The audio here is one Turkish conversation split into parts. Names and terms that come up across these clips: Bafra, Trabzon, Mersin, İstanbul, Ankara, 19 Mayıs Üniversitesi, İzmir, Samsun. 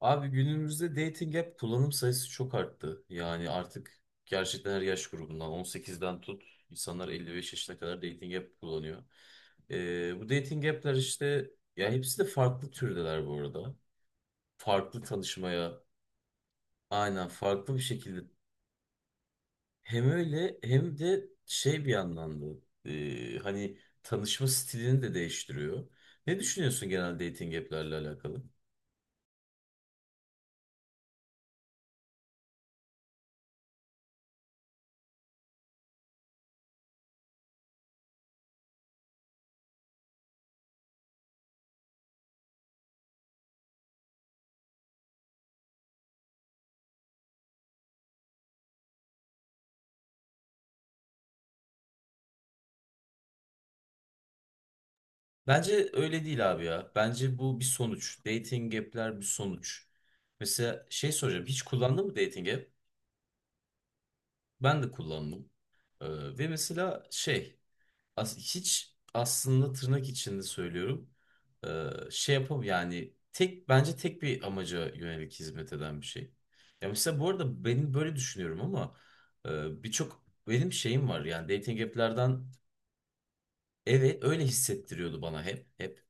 Abi günümüzde dating app kullanım sayısı çok arttı. Yani artık gerçekten her yaş grubundan 18'den tut insanlar 55 yaşına kadar dating app kullanıyor. Bu dating app'ler işte ya hepsi de farklı türdeler bu arada. Farklı tanışmaya aynen farklı bir şekilde hem öyle hem de şey bir yandan da hani tanışma stilini de değiştiriyor. Ne düşünüyorsun genel dating app'lerle alakalı? Bence öyle değil abi ya. Bence bu bir sonuç. Dating app'ler bir sonuç. Mesela şey soracağım. Hiç kullandın mı dating app? Ben de kullandım. Ve mesela şey hiç aslında tırnak içinde söylüyorum. Şey yapam yani tek bence tek bir amaca yönelik hizmet eden bir şey. Ya mesela bu arada benim böyle düşünüyorum ama birçok benim şeyim var yani dating app'lerden evet öyle hissettiriyordu bana hep.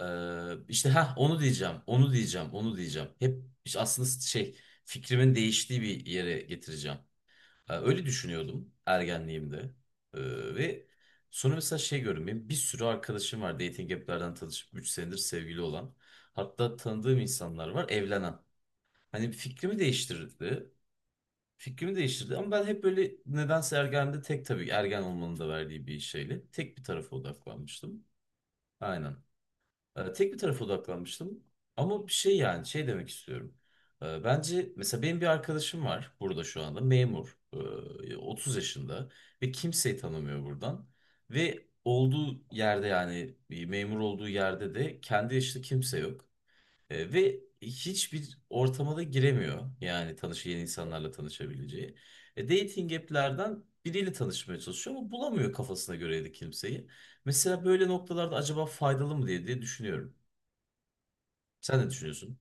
İşte ha onu diyeceğim, onu diyeceğim, onu diyeceğim. Hep işte aslında şey fikrimin değiştiği bir yere getireceğim. Öyle düşünüyordum ergenliğimde. Ve sonra mesela şey gördüm. Benim bir sürü arkadaşım var dating app'lerden tanışıp 3 senedir sevgili olan. Hatta tanıdığım insanlar var evlenen. Hani fikrimi değiştirdi. Fikrimi değiştirdi ama ben hep böyle nedense ergenliğimde tek tabii ergen olmanın da verdiği bir şeyle tek bir tarafa odaklanmıştım. Aynen. Tek bir tarafa odaklanmıştım. Ama bir şey yani şey demek istiyorum. Bence mesela benim bir arkadaşım var burada şu anda memur. 30 yaşında ve kimseyi tanımıyor buradan. Ve olduğu yerde yani bir memur olduğu yerde de kendi yaşında kimse yok. Ve hiçbir ortama da giremiyor. Yani yeni insanlarla tanışabileceği. Dating app'lerden biriyle tanışmaya çalışıyor ama bulamıyor kafasına göre de kimseyi. Mesela böyle noktalarda acaba faydalı mı diye düşünüyorum. Sen ne düşünüyorsun?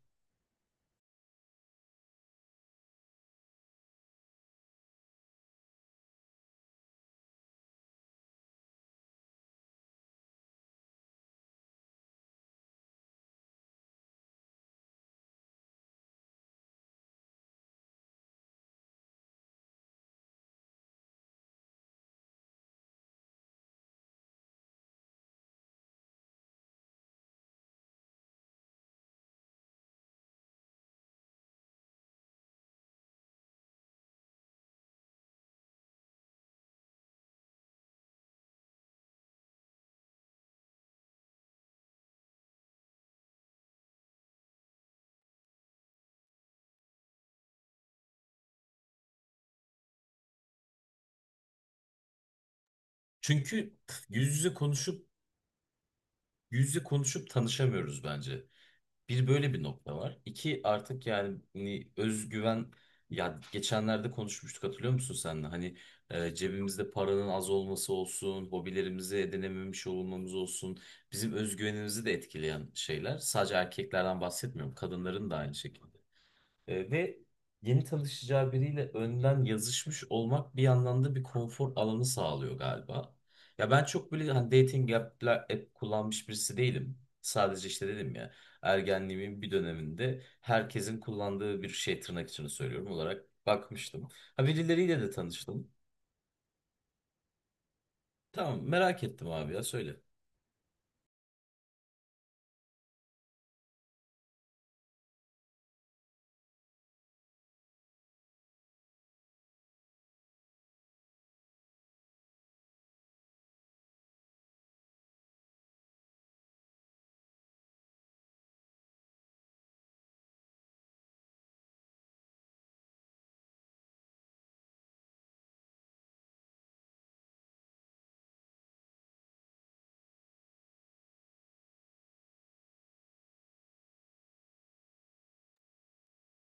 Çünkü yüz yüze konuşup yüz yüze konuşup tanışamıyoruz bence. Bir böyle bir nokta var. İki artık yani hani özgüven ya geçenlerde konuşmuştuk hatırlıyor musun senle? Hani cebimizde paranın az olması olsun, hobilerimizi edinememiş olmamız olsun, bizim özgüvenimizi de etkileyen şeyler. Sadece erkeklerden bahsetmiyorum, kadınların da aynı şekilde. Ve yeni tanışacağı biriyle önden yazışmış olmak bir yandan da bir konfor alanı sağlıyor galiba. Ya ben çok böyle hani dating app kullanmış birisi değilim. Sadece işte dedim ya ergenliğimin bir döneminde herkesin kullandığı bir şey tırnak içinde söylüyorum olarak bakmıştım. Ha birileriyle de tanıştım. Tamam merak ettim abi ya söyle.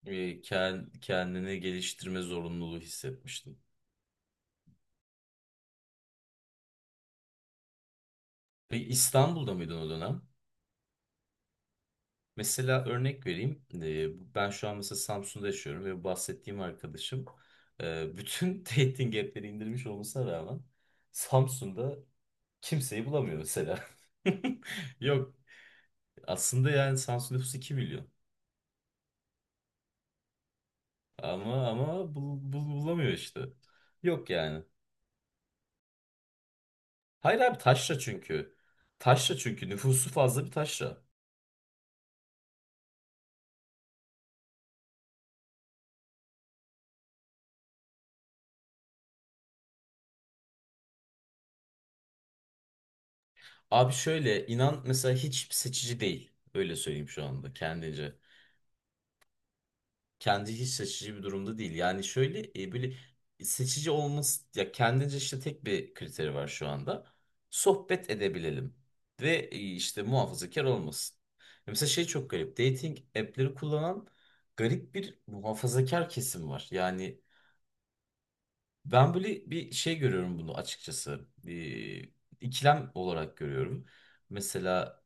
Kendini geliştirme zorunluluğu hissetmiştim. Peki İstanbul'da mıydın o dönem? Mesela örnek vereyim. Ben şu an mesela Samsun'da yaşıyorum ve bahsettiğim arkadaşım bütün dating app'leri indirmiş olmasına rağmen Samsun'da kimseyi bulamıyor mesela. Yok aslında yani Samsun nüfusu 2 milyon. Ama bulamıyor işte. Yok yani. Hayır abi taşra çünkü. Taşra çünkü nüfusu fazla bir taşra. Abi şöyle inan mesela hiç seçici değil. Öyle söyleyeyim şu anda kendince. Kendi hiç seçici bir durumda değil. Yani şöyle böyle seçici olması ya kendince işte tek bir kriteri var şu anda. Sohbet edebilelim ve işte muhafazakar olmasın. Ya mesela şey çok garip. Dating app'leri kullanan garip bir muhafazakar kesim var. Yani ben böyle bir şey görüyorum bunu açıkçası. Bir ikilem olarak görüyorum. Mesela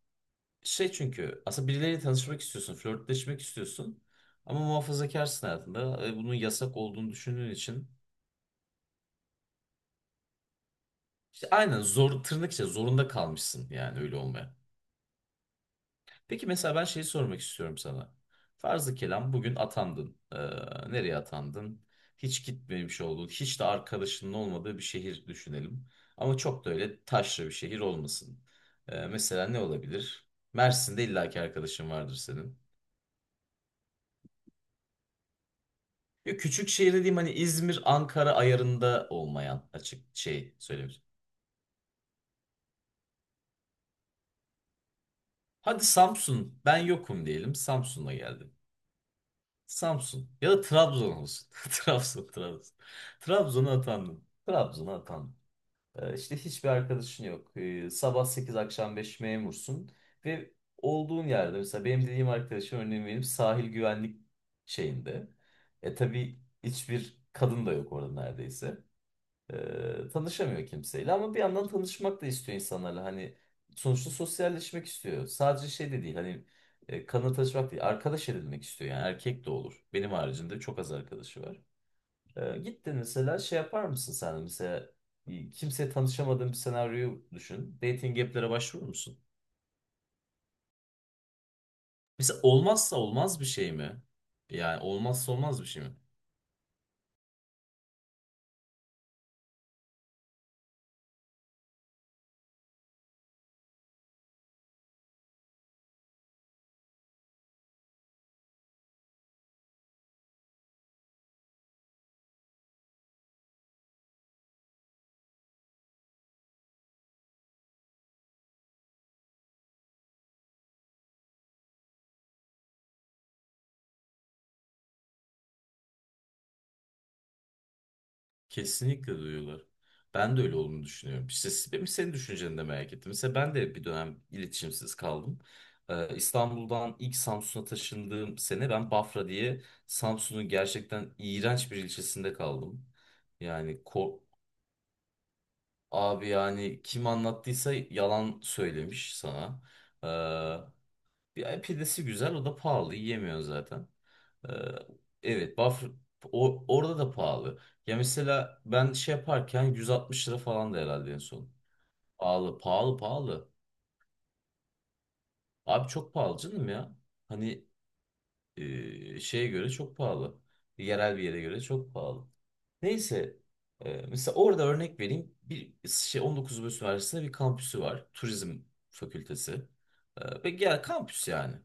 şey çünkü aslında birileriyle tanışmak istiyorsun, flörtleşmek istiyorsun. Ama muhafazakarsın hayatında. Bunun yasak olduğunu düşündüğün için işte aynen zor tırnak içinde zorunda kalmışsın yani öyle olmaya. Peki mesela ben şeyi sormak istiyorum sana. Farzı kelam bugün atandın. Nereye atandın? Hiç gitmemiş olduğun, hiç de arkadaşının olmadığı bir şehir düşünelim. Ama çok da öyle taşra bir şehir olmasın. Mesela ne olabilir? Mersin'de illaki arkadaşın vardır senin. Ya küçük şehir dediğim hani İzmir, Ankara ayarında olmayan açık şey söylüyoruz. Hadi Samsun, ben yokum diyelim. Samsun'a geldim. Samsun ya da Trabzon olsun. Trabzon, Trabzon. Trabzon'a atandım. Trabzon'a atandım. İşte hiçbir arkadaşın yok. Sabah 8 akşam 5 memursun. Ve olduğun yerde mesela benim dediğim arkadaşım örneğin benim sahil güvenlik şeyinde. E tabii hiçbir kadın da yok orada neredeyse. Tanışamıyor kimseyle ama bir yandan tanışmak da istiyor insanlarla hani sonuçta sosyalleşmek istiyor sadece şey de değil hani kanla tanışmak değil arkadaş edinmek istiyor yani erkek de olur benim haricinde çok az arkadaşı var gittin mesela şey yapar mısın sen de? Mesela kimseye tanışamadığın bir senaryoyu düşün dating app'lere başvurur musun mesela olmazsa olmaz bir şey mi yani olmazsa olmaz bir şey mi Kesinlikle duyuyorlar. Ben de öyle olduğunu düşünüyorum. İşte benim senin düşünceni de merak ettim. Mesela ben de bir dönem iletişimsiz kaldım. İstanbul'dan ilk Samsun'a taşındığım sene ben Bafra diye Samsun'un gerçekten iğrenç bir ilçesinde kaldım. Yani abi yani kim anlattıysa yalan söylemiş sana. Ee, bir pidesi güzel o da pahalı yiyemiyor zaten. Ee, evet, Bafra orada da pahalı. Ya mesela ben şey yaparken 160 lira falan da herhalde en son. Pahalı, pahalı, pahalı. Abi çok pahalı canım ya. Hani şeye göre çok pahalı. Yerel bir yere göre çok pahalı. Neyse, mesela orada örnek vereyim. Bir şey 19 Mayıs Üniversitesi'nde bir kampüsü var. Turizm fakültesi. Ve gel kampüs yani.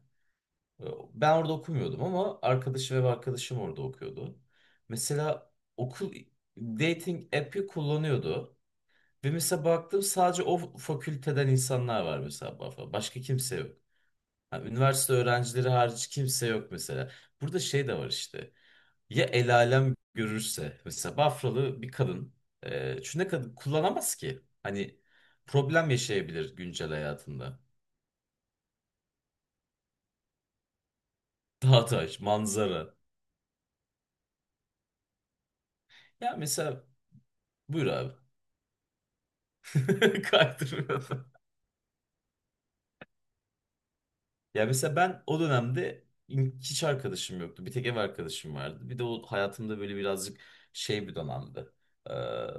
Ee, Ben orada okumuyordum ama arkadaşım orada okuyordu. Mesela okul dating app'i kullanıyordu. Ve mesela baktım sadece o fakülteden insanlar var mesela. Başka kimse yok. Ha, üniversite öğrencileri hariç kimse yok mesela. Burada şey de var işte. Ya el alem görürse. Mesela Bafralı bir kadın. Çünkü ne kadın kullanamaz ki. Hani problem yaşayabilir güncel hayatında. Dağtaş, manzara. Ya mesela buyur abi. Kaydırmıyor. Ya mesela ben o dönemde hiç arkadaşım yoktu. Bir tek ev arkadaşım vardı. Bir de o hayatımda böyle birazcık şey bir dönemdi. Ee,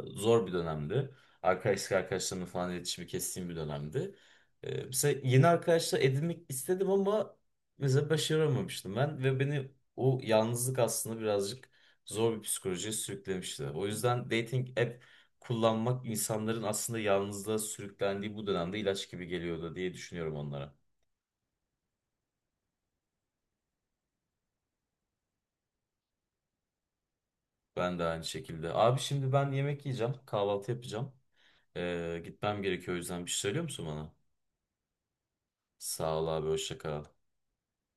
zor bir dönemdi. Arkadaşlarımla falan iletişimi kestiğim bir dönemdi. Mesela yeni arkadaşlar edinmek istedim ama mesela başaramamıştım ben. Ve beni o yalnızlık aslında birazcık zor bir psikolojiye sürüklemişti. O yüzden dating app kullanmak insanların aslında yalnızlığa sürüklendiği bu dönemde ilaç gibi geliyordu diye düşünüyorum onlara. Ben de aynı şekilde. Abi şimdi ben yemek yiyeceğim. Kahvaltı yapacağım. Gitmem gerekiyor o yüzden bir şey söylüyor musun bana? Sağ ol abi hoşça kal.